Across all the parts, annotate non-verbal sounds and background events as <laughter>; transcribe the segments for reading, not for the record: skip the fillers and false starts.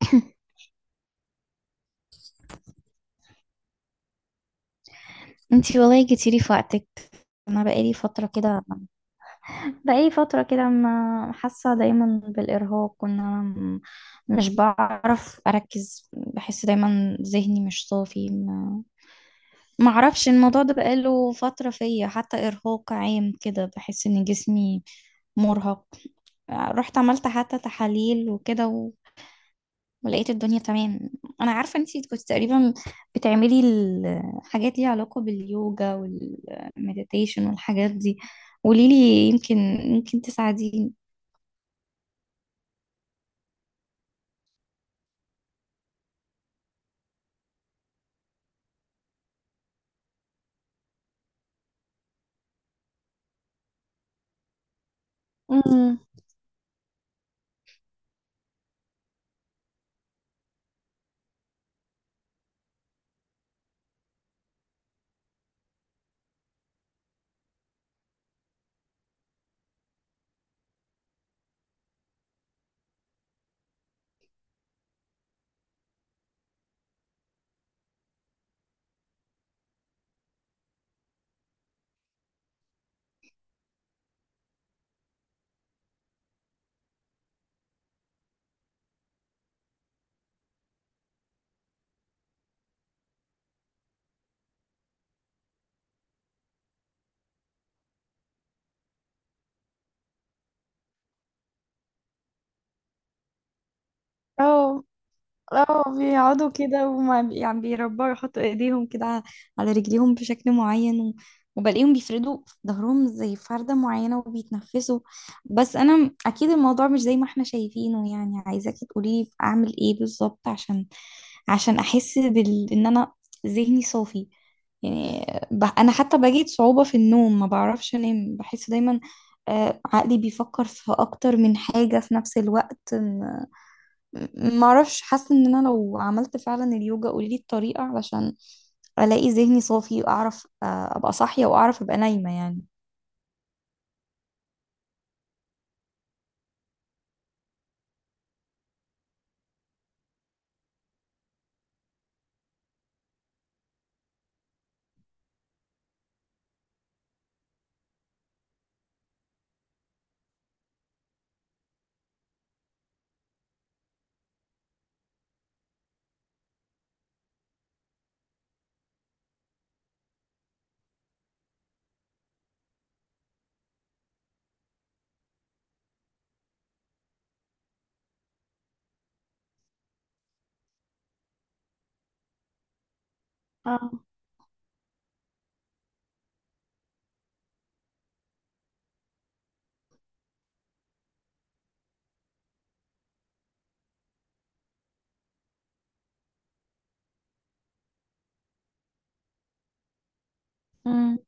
<laughs> انتي والله جيتي لي في وقتك. انا بقالي فتره كده، ما حاسه دايما بالارهاق، وان انا مش بعرف اركز. بحس دايما ذهني مش صافي. ما ما اعرفش، الموضوع ده بقاله فتره فيا، حتى ارهاق عام كده، بحس ان جسمي مرهق. رحت عملت حتى تحاليل وكده، ولقيت الدنيا تمام. انا عارفه ان انتي كنت تقريبا بتعملي الحاجات ليها علاقه باليوجا والمديتيشن والحاجات دي. قوليلي، يمكن تساعديني. امم. اه. اه، بيقعدوا كده، وما بي- يعني بيربعوا، يحطوا ايديهم كده على رجليهم بشكل معين، وبلاقيهم بيفردوا ظهرهم زي فردة معينة وبيتنفسوا. بس انا اكيد الموضوع مش زي ما احنا شايفينه، يعني عايزاكي تقولي لي اعمل ايه بالظبط، عشان احس بال ان انا ذهني صافي. يعني انا حتى بجد صعوبة في النوم، ما بعرفش انام، بحس دايما عقلي بيفكر في اكتر من حاجة في نفس الوقت. ما اعرفش، حاسه ان انا لو عملت فعلا اليوجا، قولي الطريقه علشان الاقي ذهني صافي، واعرف ابقى صاحيه، واعرف ابقى نايمه يعني. اه. مم.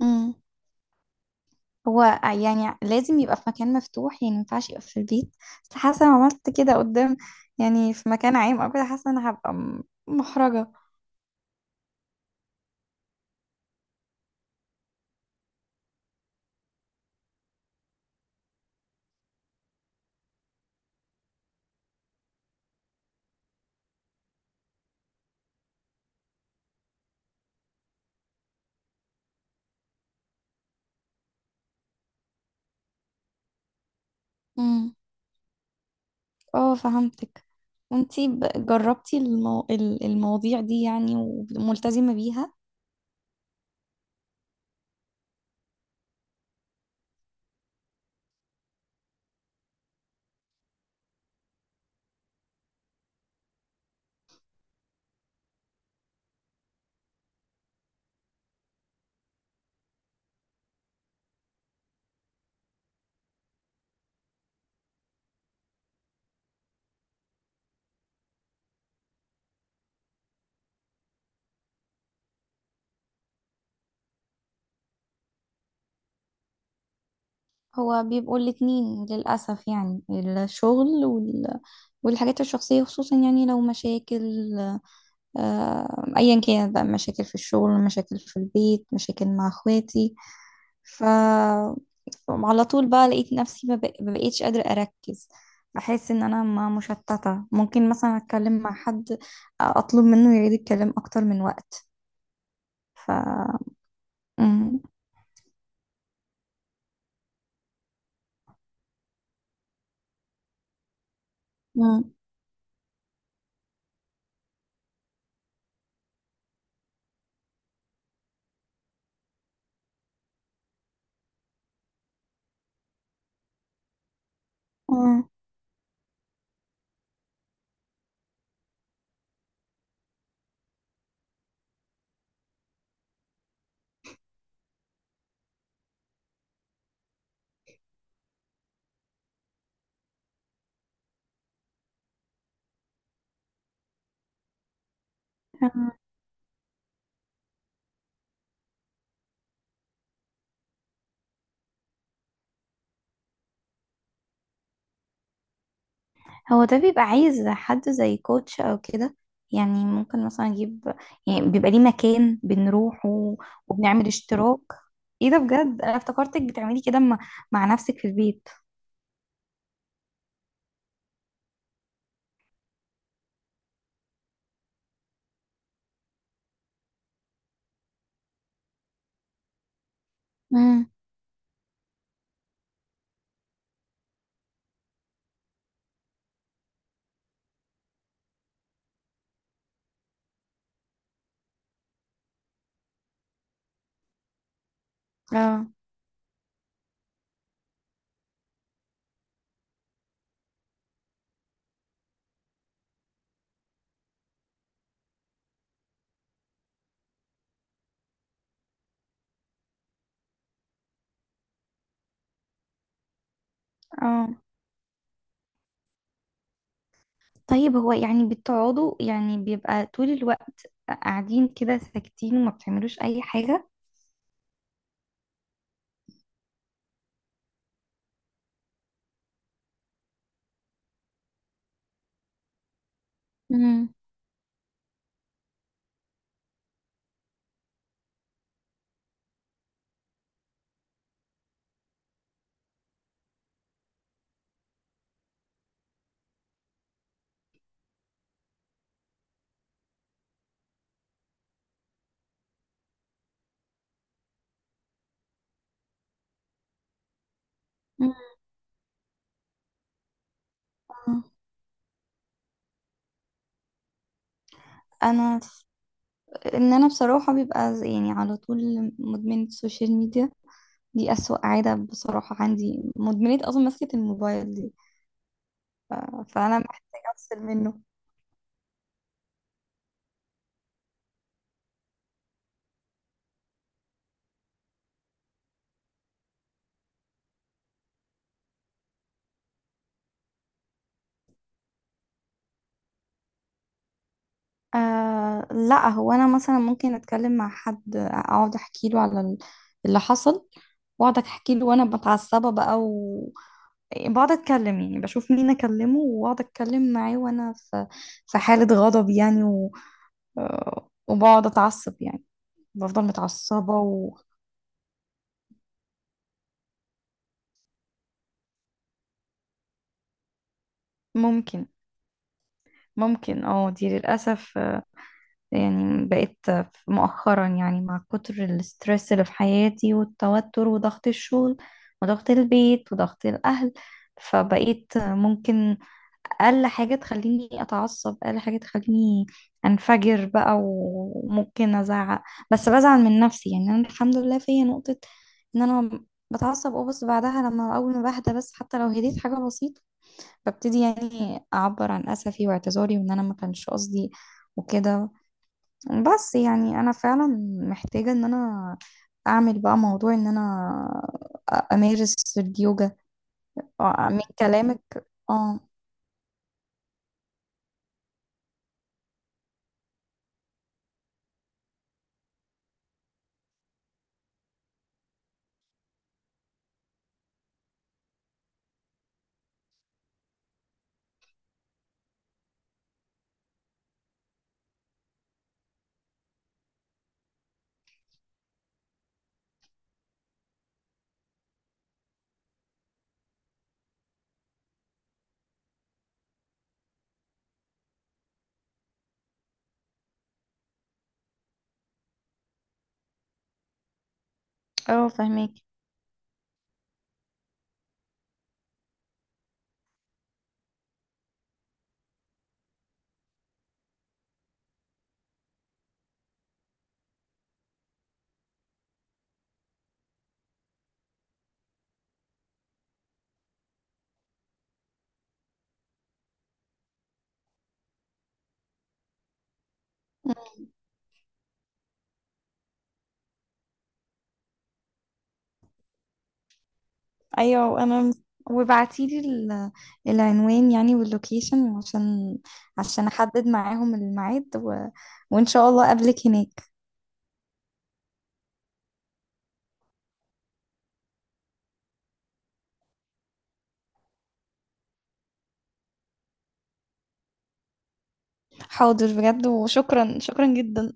امم. هو يعني لازم يبقى في مكان مفتوح؟ يعني ما ينفعش يبقى في البيت؟ بس حاسه لو عملت كده قدام، يعني في مكان عام او كده، حاسه ان انا هبقى محرجه. امم. اه، فهمتك. وانتي جربتي المواضيع دي يعني؟ وملتزمه بيها؟ هو بيبقوا الاتنين للأسف، يعني الشغل والحاجات الشخصية، خصوصا يعني لو مشاكل، أيا كانت بقى، مشاكل في الشغل، مشاكل في البيت، مشاكل مع اخواتي. ف على طول بقى لقيت نفسي ما بقيتش قادرة أركز. بحس إن أنا ما مشتتة، ممكن مثلا أتكلم مع حد، أطلب منه يعيد الكلام أكتر من وقت. ف مم. مم. مم. هو ده بيبقى عايز حد زي كوتش او كده؟ يعني ممكن مثلا اجيب؟ يعني بيبقى ليه مكان بنروحه وبنعمل اشتراك؟ ايه ده؟ بجد انا افتكرتك بتعملي كده مع نفسك في البيت. امم. اه. اه، طيب، هو يعني بتقعدوا، يعني بيبقى طول الوقت قاعدين كده ساكتين وما بتعملوش اي حاجة؟ امم. مم. انا ان انا بصراحة بيبقى يعني على طول مدمنة السوشيال ميديا. دي أسوأ عادة بصراحة، عندي مدمنية أصلا مسكة الموبايل دي. ف... فأنا محتاجة أفصل منه. آه لا، هو أنا مثلا ممكن أتكلم مع حد، أقعد أحكي له على اللي حصل، وأقعد أحكي له وأنا متعصبة بقى، بقعد أتكلم، يعني بشوف مين أكلمه وأقعد أتكلم معاه وأنا في في حالة غضب يعني، وبقعد أتعصب يعني، بفضل متعصبة. وممكن. اه، دي للأسف يعني، بقيت مؤخرا، يعني مع كتر الاسترس اللي في حياتي والتوتر وضغط الشغل وضغط البيت وضغط الأهل، فبقيت ممكن أقل حاجة تخليني أتعصب، أقل حاجة تخليني أنفجر بقى وممكن أزعق. بس بزعل من نفسي، يعني أنا الحمد لله فيا نقطة إن أنا بتعصب، اه، بس بعدها لما أول ما بهدى، بس حتى لو هديت حاجة بسيطة، ببتدي يعني أعبر عن أسفي واعتذاري وإن أنا ما كانش قصدي وكده. بس يعني انا فعلا محتاجة ان انا اعمل بقى موضوع ان انا امارس اليوجا. آه، من كلامك. اه، اه، فهمك. ايوه، انا. وبعتيلي العنوان، يعني واللوكيشن، عشان احدد معاهم الميعاد، وان شاء الله اقابلك هناك. حاضر بجد، وشكرا شكرا جدا.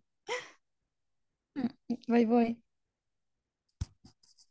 <laughs> باي باي.